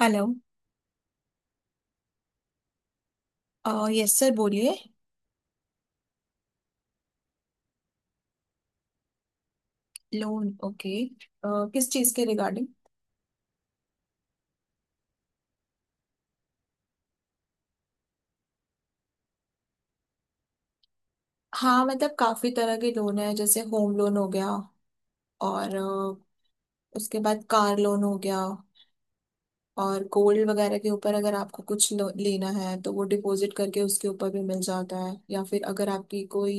Hello. Yes sir बोलिए। Loan, okay, किस चीज़ के रिगार्डिंग? हाँ मतलब काफ़ी तरह के लोन है, जैसे होम लोन हो गया और उसके बाद कार लोन हो गया, और गोल्ड वगैरह के ऊपर अगर आपको कुछ लेना है तो वो डिपॉजिट करके उसके ऊपर भी मिल जाता है, या फिर अगर आपकी कोई।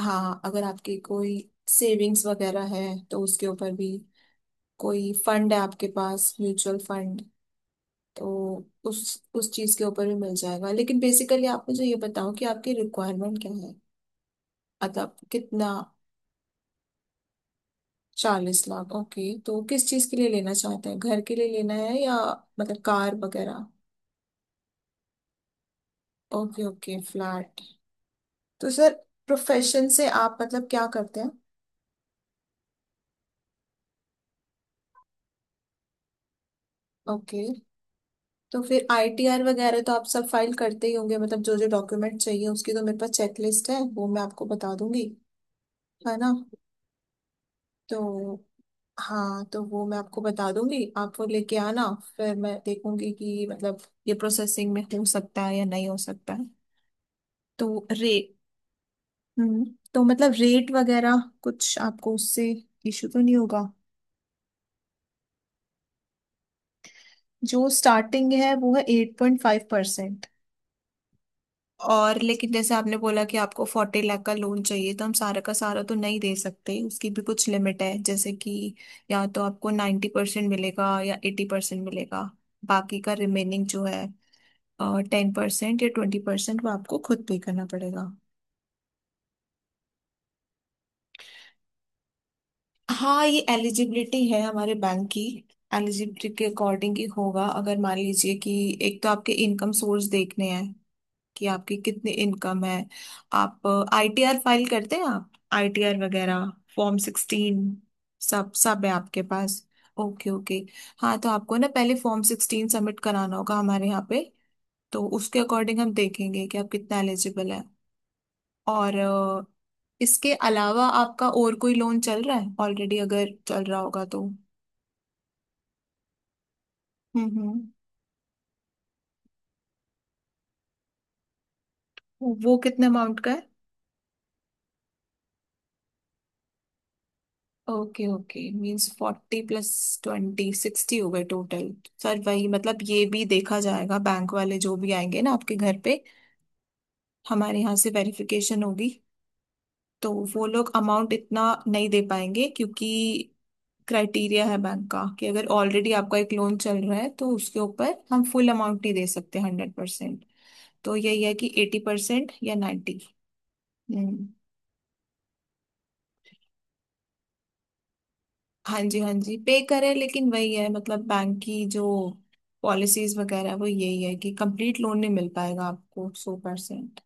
हाँ अगर आपकी कोई सेविंग्स वगैरह है तो उसके ऊपर भी, कोई फंड है आपके पास म्यूचुअल फंड, तो उस चीज के ऊपर भी मिल जाएगा। लेकिन बेसिकली आप मुझे ये बताओ कि आपकी रिक्वायरमेंट क्या है, मतलब कितना? 40 लाख, ओके। तो किस चीज के लिए लेना चाहते हैं, घर के लिए लेना है या मतलब कार वगैरह? Okay okay flat. तो सर प्रोफेशन से आप मतलब क्या करते हैं? ओके, तो फिर आईटीआर वगैरह तो आप सब फाइल करते ही होंगे। मतलब जो जो डॉक्यूमेंट चाहिए उसकी तो मेरे पास चेकलिस्ट है, वो मैं आपको बता दूंगी, है ना? तो हाँ तो वो मैं आपको बता दूंगी, आप वो लेके आना, फिर मैं देखूंगी कि मतलब ये प्रोसेसिंग में हो सकता है या नहीं हो सकता है। तो रे हम्म तो मतलब रेट वगैरह कुछ आपको उससे इशू तो नहीं होगा? जो स्टार्टिंग है वो है 8.5%। और लेकिन जैसे आपने बोला कि आपको 40 लाख का लोन चाहिए, तो हम सारा का सारा तो नहीं दे सकते, उसकी भी कुछ लिमिट है, जैसे कि या तो आपको 90% मिलेगा या 80% मिलेगा। बाकी का रिमेनिंग जो है 10% या 20% वो आपको खुद पे करना पड़ेगा। हाँ ये एलिजिबिलिटी है हमारे बैंक की, एलिजिबिलिटी के अकॉर्डिंग ही होगा। अगर मान लीजिए कि एक तो आपके इनकम सोर्स देखने हैं, कि आपकी कितनी इनकम है। आप आईटीआर फाइल करते हैं? आप आईटीआर वगैरह फॉर्म 16 सब सब है आपके पास? Okay okay. हाँ तो आपको ना पहले फॉर्म 16 सबमिट कराना होगा हमारे यहाँ पे, तो उसके अकॉर्डिंग हम देखेंगे कि आप कितना एलिजिबल है। और इसके अलावा आपका और कोई लोन चल रहा है ऑलरेडी? अगर चल रहा होगा तो। हम्म हम्म वो कितने अमाउंट का है? ओके ओके, मीन्स 40 प्लस 20 60 हो गए टोटल। सर वही मतलब ये भी देखा जाएगा, बैंक वाले जो भी आएंगे ना आपके घर पे, हमारे यहाँ से वेरिफिकेशन होगी, तो वो लोग अमाउंट इतना नहीं दे पाएंगे, क्योंकि क्राइटेरिया है बैंक का कि अगर ऑलरेडी आपका एक लोन चल रहा है तो उसके ऊपर हम फुल अमाउंट नहीं दे सकते 100%। तो यही है कि 80% या 90। हम्म, हाँ जी हाँ जी पे करें, लेकिन वही है मतलब बैंक की जो पॉलिसीज वगैरह है, वो यही है कि कंप्लीट लोन नहीं मिल पाएगा आपको 100%।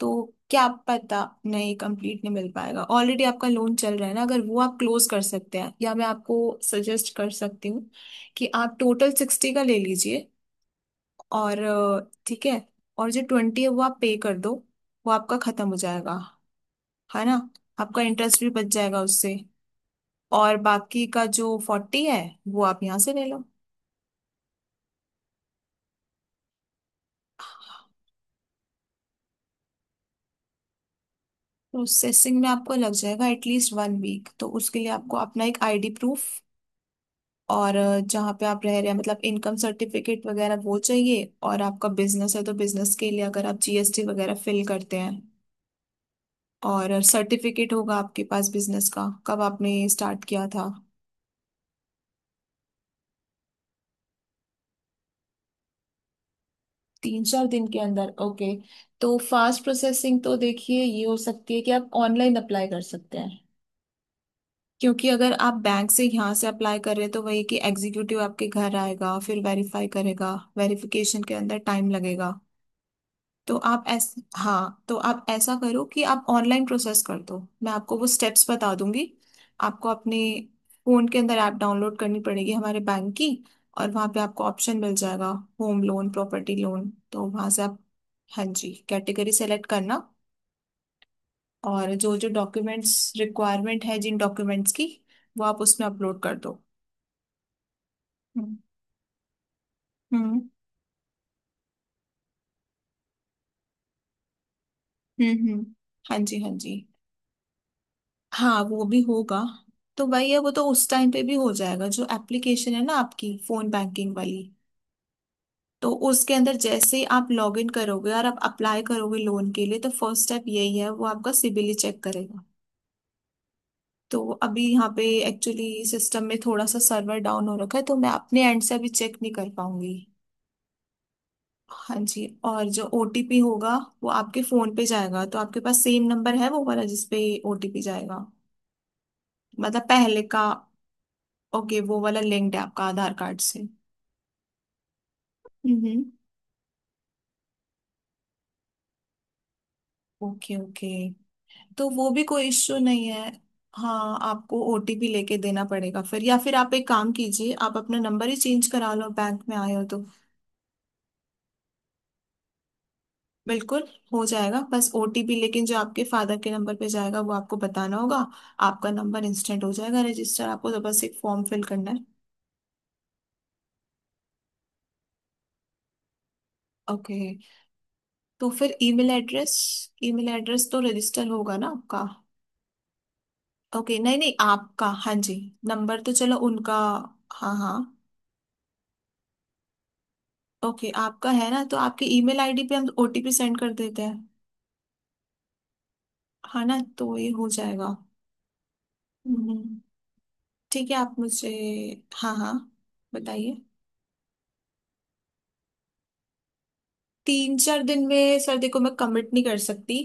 तो क्या पता, नहीं कंप्लीट नहीं मिल पाएगा, ऑलरेडी आपका लोन चल रहा है ना। अगर वो आप क्लोज कर सकते हैं, या मैं आपको सजेस्ट कर सकती हूँ कि आप टोटल 60 का ले लीजिए, और ठीक है, और जो 20 है वो आप पे कर दो, वो आपका खत्म हो जाएगा, है ना? आपका इंटरेस्ट भी बच जाएगा उससे, और बाकी का जो 40 है वो आप यहाँ से ले लो। प्रोसेसिंग में आपको लग जाएगा एटलीस्ट वन वीक, तो उसके लिए आपको अपना एक आईडी प्रूफ और जहाँ पे आप रह रहे हैं मतलब इनकम सर्टिफिकेट वगैरह वो चाहिए, और आपका बिजनेस है तो बिजनेस के लिए अगर आप जीएसटी वगैरह फिल करते हैं, और सर्टिफिकेट होगा आपके पास बिजनेस का, कब आपने स्टार्ट किया था। 3-4 दिन के अंदर, ओके। तो फास्ट प्रोसेसिंग तो देखिए ये हो सकती है कि आप ऑनलाइन अप्लाई कर सकते हैं, क्योंकि अगर आप बैंक से यहाँ से अप्लाई कर रहे हैं तो वही कि एग्जीक्यूटिव आपके घर आएगा, फिर वेरीफाई करेगा, वेरिफिकेशन के अंदर टाइम लगेगा। तो आप ऐस हाँ तो आप ऐसा करो कि आप ऑनलाइन प्रोसेस कर दो, मैं आपको वो स्टेप्स बता दूंगी। आपको अपने फोन के अंदर ऐप डाउनलोड करनी पड़ेगी हमारे बैंक की, और वहाँ पे आपको ऑप्शन मिल जाएगा होम लोन प्रॉपर्टी लोन, तो वहाँ से आप हाँ जी कैटेगरी सेलेक्ट करना, और जो जो डॉक्यूमेंट्स रिक्वायरमेंट है, जिन डॉक्यूमेंट्स की, वो आप उसमें अपलोड कर दो। हम्म हम्म, हाँ जी हाँ जी। हाँ वो भी होगा, तो भैया वो तो उस टाइम पे भी हो जाएगा, जो एप्लीकेशन है ना आपकी फोन बैंकिंग वाली, तो उसके अंदर जैसे ही आप लॉग इन करोगे और आप अप्लाई करोगे लोन के लिए तो फर्स्ट स्टेप यही है, वो आपका सिबिल चेक करेगा। तो अभी यहाँ पे एक्चुअली सिस्टम में थोड़ा सा सर्वर डाउन हो रखा है, तो मैं अपने एंड से अभी चेक नहीं कर पाऊंगी। हाँ जी, और जो ओटीपी होगा वो आपके फोन पे जाएगा, तो आपके पास सेम नंबर है वो वाला जिसपे ओटीपी जाएगा, मतलब पहले का? ओके, वो वाला लिंक्ड है आपका आधार कार्ड से। हम्म, ओके ओके, तो वो भी कोई इश्यू नहीं है। हाँ आपको ओटीपी लेके देना पड़ेगा फिर, या फिर आप एक काम कीजिए, आप अपना नंबर ही चेंज करा लो, बैंक में आए हो तो। बिल्कुल, हो जाएगा, बस ओटीपी लेकिन जो आपके फादर के नंबर पे जाएगा वो आपको बताना होगा। आपका नंबर इंस्टेंट हो जाएगा रजिस्टर, आपको तो बस एक फॉर्म फिल करना है। ओके, तो फिर ईमेल एड्रेस, ईमेल एड्रेस तो रजिस्टर होगा ना आपका? ओके, नहीं नहीं, आपका हाँ जी नंबर तो चलो उनका हाँ हाँ। ओके आपका है ना, तो आपकी ईमेल आईडी पे हम ओटीपी सेंड कर देते हैं, हाँ ना, तो ये हो जाएगा। हम्म, ठीक है, आप मुझे हाँ हाँ बताइए। 3-4 दिन में सर, देखो मैं कमिट नहीं कर सकती,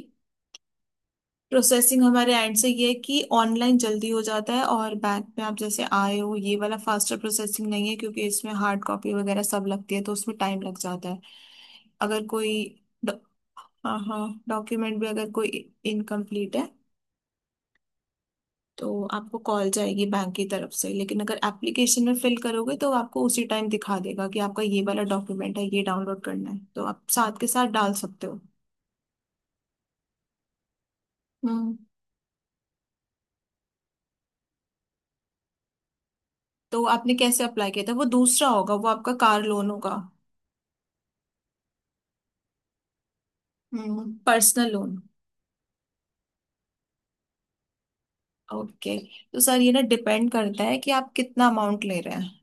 प्रोसेसिंग हमारे एंड से ये है कि ऑनलाइन जल्दी हो जाता है, और बैंक में आप जैसे आए हो ये वाला फास्टर प्रोसेसिंग नहीं है, क्योंकि इसमें हार्ड कॉपी वगैरह सब लगती है तो उसमें टाइम लग जाता है। अगर कोई, हाँ हाँ, डॉक्यूमेंट भी अगर कोई इनकम्प्लीट है तो आपको कॉल जाएगी बैंक की तरफ से, लेकिन अगर एप्लीकेशन में फिल करोगे तो आपको उसी टाइम दिखा देगा कि आपका ये वाला डॉक्यूमेंट है, ये डाउनलोड करना है, तो आप साथ के साथ डाल सकते हो। हम्म, तो आपने कैसे अप्लाई किया था? वो दूसरा होगा, वो आपका कार लोन होगा। हम्म, पर्सनल लोन, ओके। तो सर ये ना डिपेंड करता है कि आप कितना अमाउंट ले रहे हैं,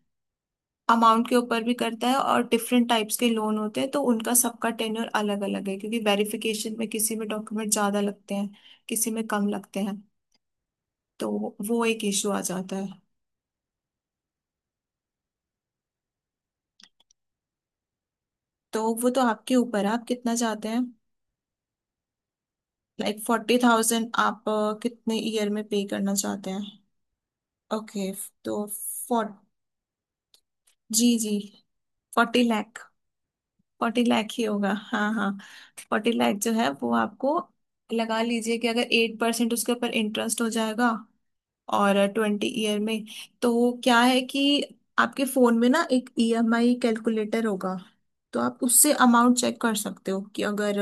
अमाउंट के ऊपर भी करता है, और डिफरेंट टाइप्स के लोन होते हैं तो उनका सबका टेन्योर अलग अलग है, क्योंकि वेरिफिकेशन में किसी में डॉक्यूमेंट ज्यादा लगते हैं, किसी में कम लगते हैं, तो वो एक इशू आ जाता है। तो वो तो आपके ऊपर है, आप कितना चाहते हैं, लाइक 40,000। आप कितने ईयर में पे करना चाहते हैं? ओके, तो फोर जी जी, 40 लाख, 40 लाख ही होगा, हाँ हाँ। 40 लाख जो है वो आपको लगा लीजिए कि अगर 8% उसके ऊपर इंटरेस्ट हो जाएगा, और 20 ईयर में, तो क्या है कि आपके फोन में ना एक ईएमआई कैलकुलेटर होगा, तो आप उससे अमाउंट चेक कर सकते हो कि अगर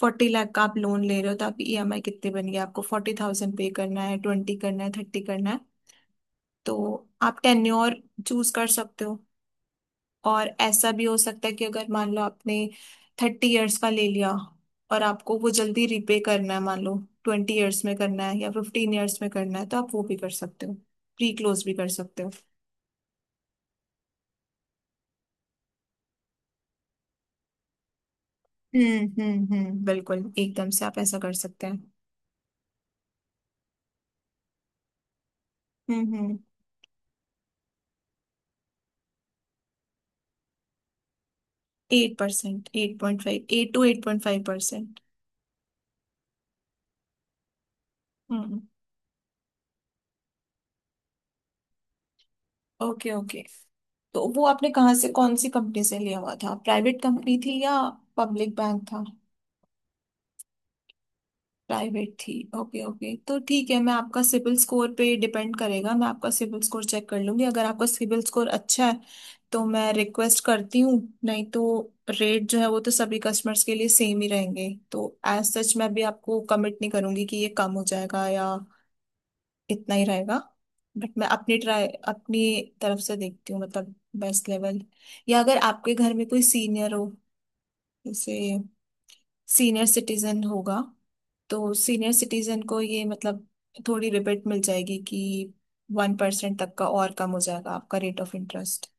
40 लाख का आप लोन ले रहे हो तो आपकी ईएमआई कितनी बन गई, आपको 40,000 पे करना है, 20 करना है, 30 करना है। तो आप टेन्योर चूज कर सकते हो, और ऐसा भी हो सकता है कि अगर मान लो आपने 30 इयर्स का ले लिया और आपको वो जल्दी रिपे करना है, मान लो 20 इयर्स में करना है या 15 इयर्स में करना है, तो आप वो भी कर सकते हो, प्री क्लोज भी कर सकते हो। हम्म, बिल्कुल एकदम से आप ऐसा कर सकते हैं। हम्म, eight percent, 8.5, 8 to 8.5%। Hmm, okay okay, तो वो आपने कहाँ से कौन सी कंपनी से लिया हुआ था, प्राइवेट कंपनी थी या पब्लिक बैंक था? प्राइवेट थी, ओके ओके, तो ठीक है। मैं आपका सिबिल स्कोर पे डिपेंड करेगा, मैं आपका सिबिल स्कोर चेक कर लूंगी, अगर आपका सिबिल स्कोर अच्छा है तो मैं रिक्वेस्ट करती हूँ, नहीं तो रेट जो है वो तो सभी कस्टमर्स के लिए सेम ही रहेंगे, तो एज सच मैं भी आपको कमिट नहीं करूंगी कि ये कम हो जाएगा या इतना ही रहेगा। बट मैं अपनी तरफ से देखती हूँ, मतलब बेस्ट लेवल, या अगर आपके घर में कोई सीनियर हो, जैसे सीनियर सिटीजन होगा तो सीनियर सिटीजन को ये मतलब थोड़ी रिबेट मिल जाएगी कि 1% तक का और कम हो जाएगा आपका रेट ऑफ इंटरेस्ट।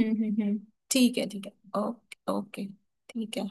हम्म, ठीक है ठीक है, ओके ओके, ठीक है।